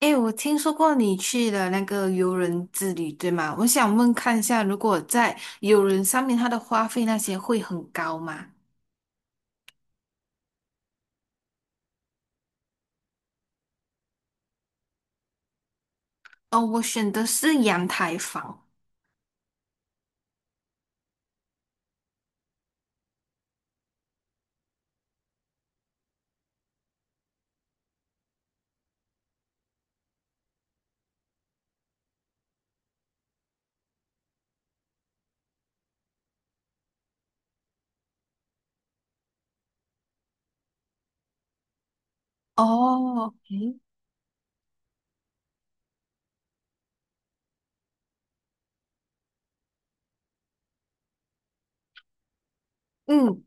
诶，我听说过你去了那个游轮之旅，对吗？我想问看一下，如果在游轮上面，它的花费那些会很高吗？哦，我选的是阳台房。哦，诶，嗯，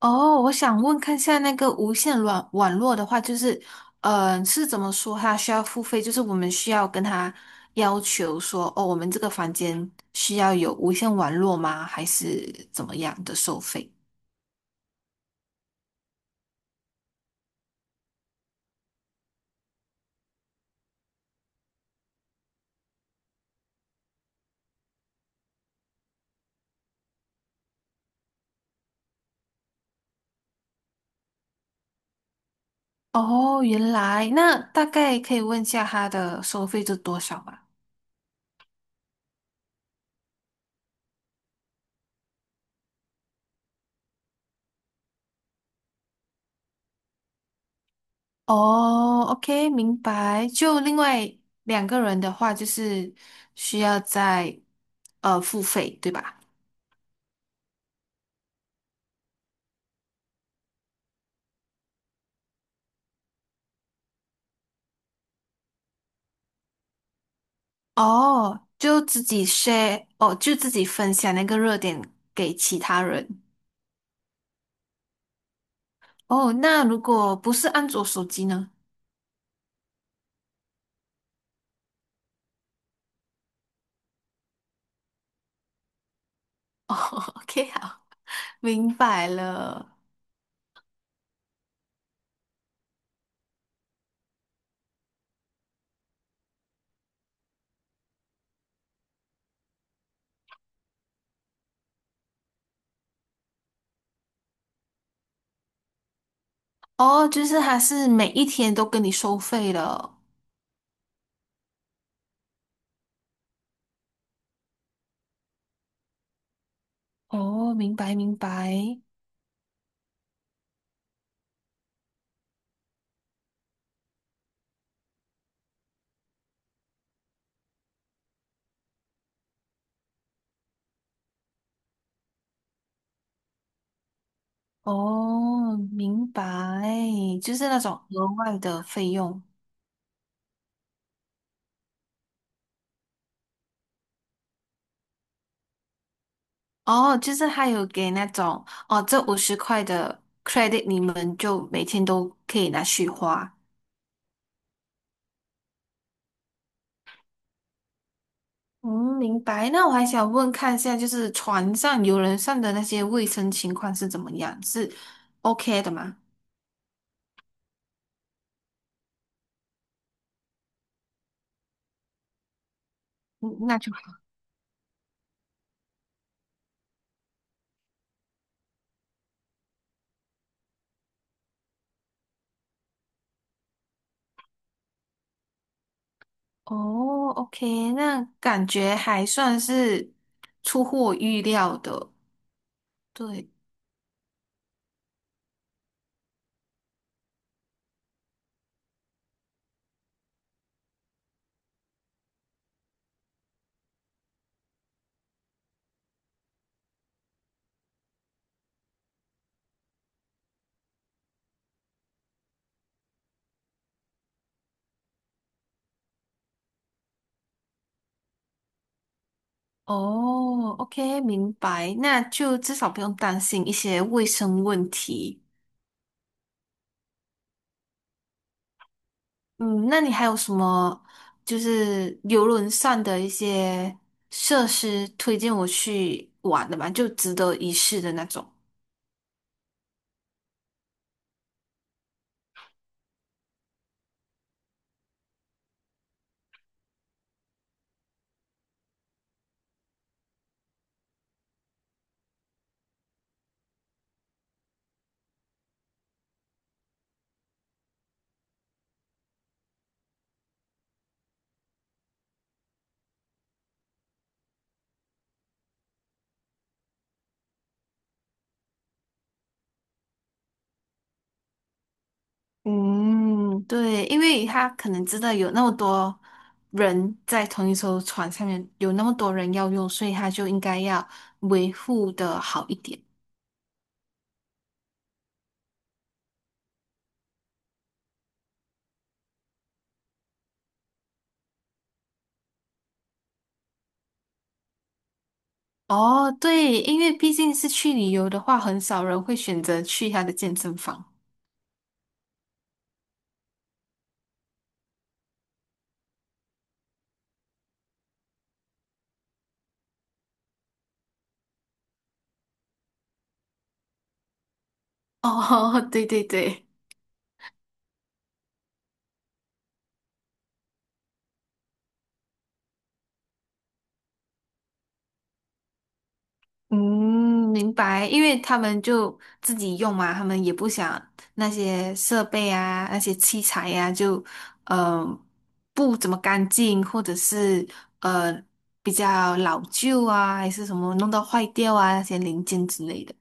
哦，我想问看一下那个无线网络的话，就是，是怎么说它需要付费？就是我们需要跟他要求说，哦，我们这个房间需要有无线网络吗？还是怎么样的收费？哦，原来那大概可以问一下他的收费是多少吗？哦，OK,明白。就另外两个人的话，就是需要再付费，对吧？哦，就自己 share，哦，就自己分享那个热点给其他人。哦，那如果不是安卓手机呢？哦，OK，好，明白了。哦，就是它是每一天都跟你收费了。哦，明白明白。哦，明白，就是那种额外的费用。哦，就是还有给那种，哦，这50块的 credit，你们就每天都可以拿去花。嗯，明白。那我还想问看一下，就是船上、游轮上的那些卫生情况是怎么样？是 OK 的吗？嗯，那就好。哦，OK，那感觉还算是出乎我预料的。对。哦，OK，明白，那就至少不用担心一些卫生问题。嗯，那你还有什么就是游轮上的一些设施推荐我去玩的吗？就值得一试的那种。嗯，对，因为他可能知道有那么多人在同一艘船上面，有那么多人要用，所以他就应该要维护的好一点。哦，对，因为毕竟是去旅游的话，很少人会选择去他的健身房。哦，对对对，嗯，明白，因为他们就自己用嘛，他们也不想那些设备啊、那些器材呀、就嗯、呃不怎么干净，或者是呃比较老旧啊，还是什么弄到坏掉啊那些零件之类的。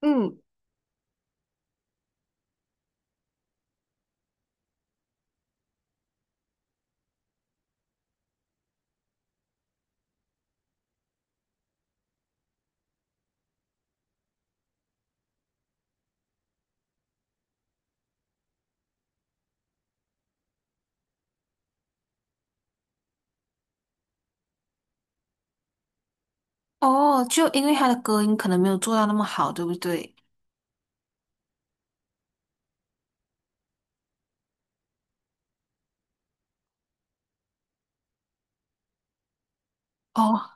嗯，哦，就因为它的隔音可能没有做到那么好，对不对？哦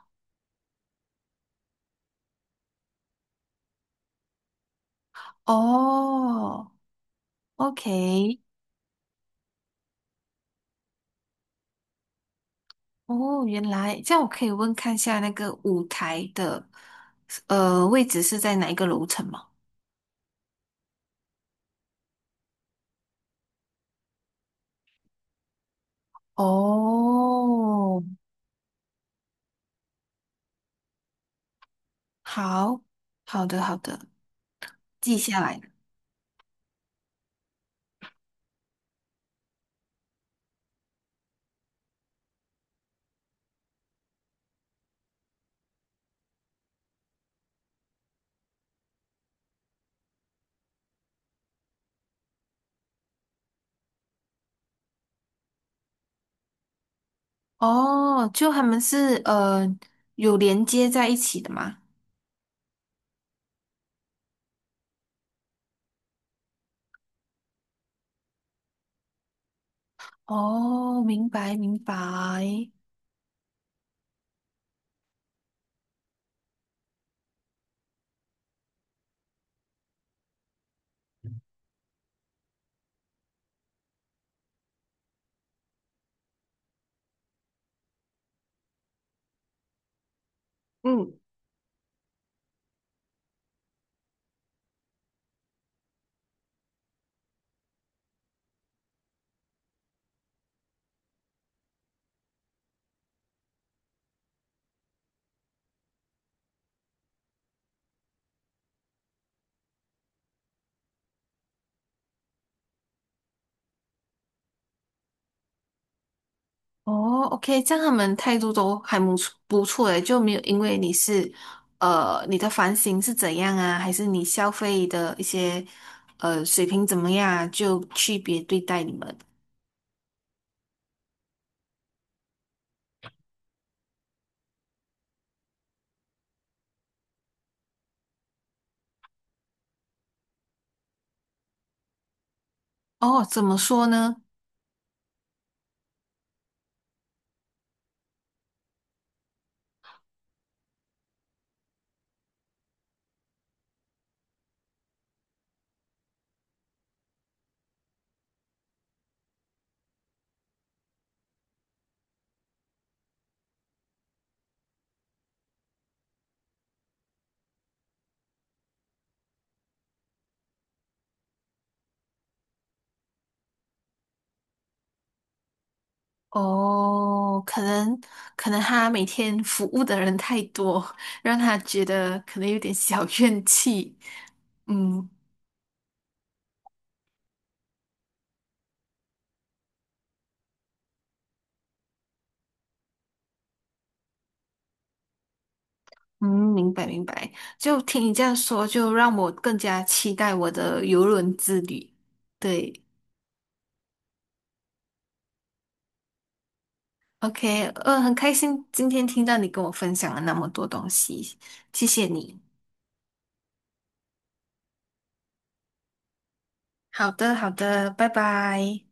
哦，OK，哦，原来这样，我可以问看下那个舞台的位置是在哪一个楼层吗？哦，好，好的，好的，记下来了。哦，就他们是有连接在一起的吗？哦，明白，明白。嗯。哦，OK，这样他们态度都还不错，不错诶，就没有因为你是，呃，你的房型是怎样啊，还是你消费的一些，呃，水平怎么样啊就区别对待你们。哦，怎么说呢？哦，可能他每天服务的人太多，让他觉得可能有点小怨气。嗯嗯，明白明白。就听你这样说，就让我更加期待我的游轮之旅。对。OK，很开心今天听到你跟我分享了那么多东西，谢谢你。好的，好的，拜拜。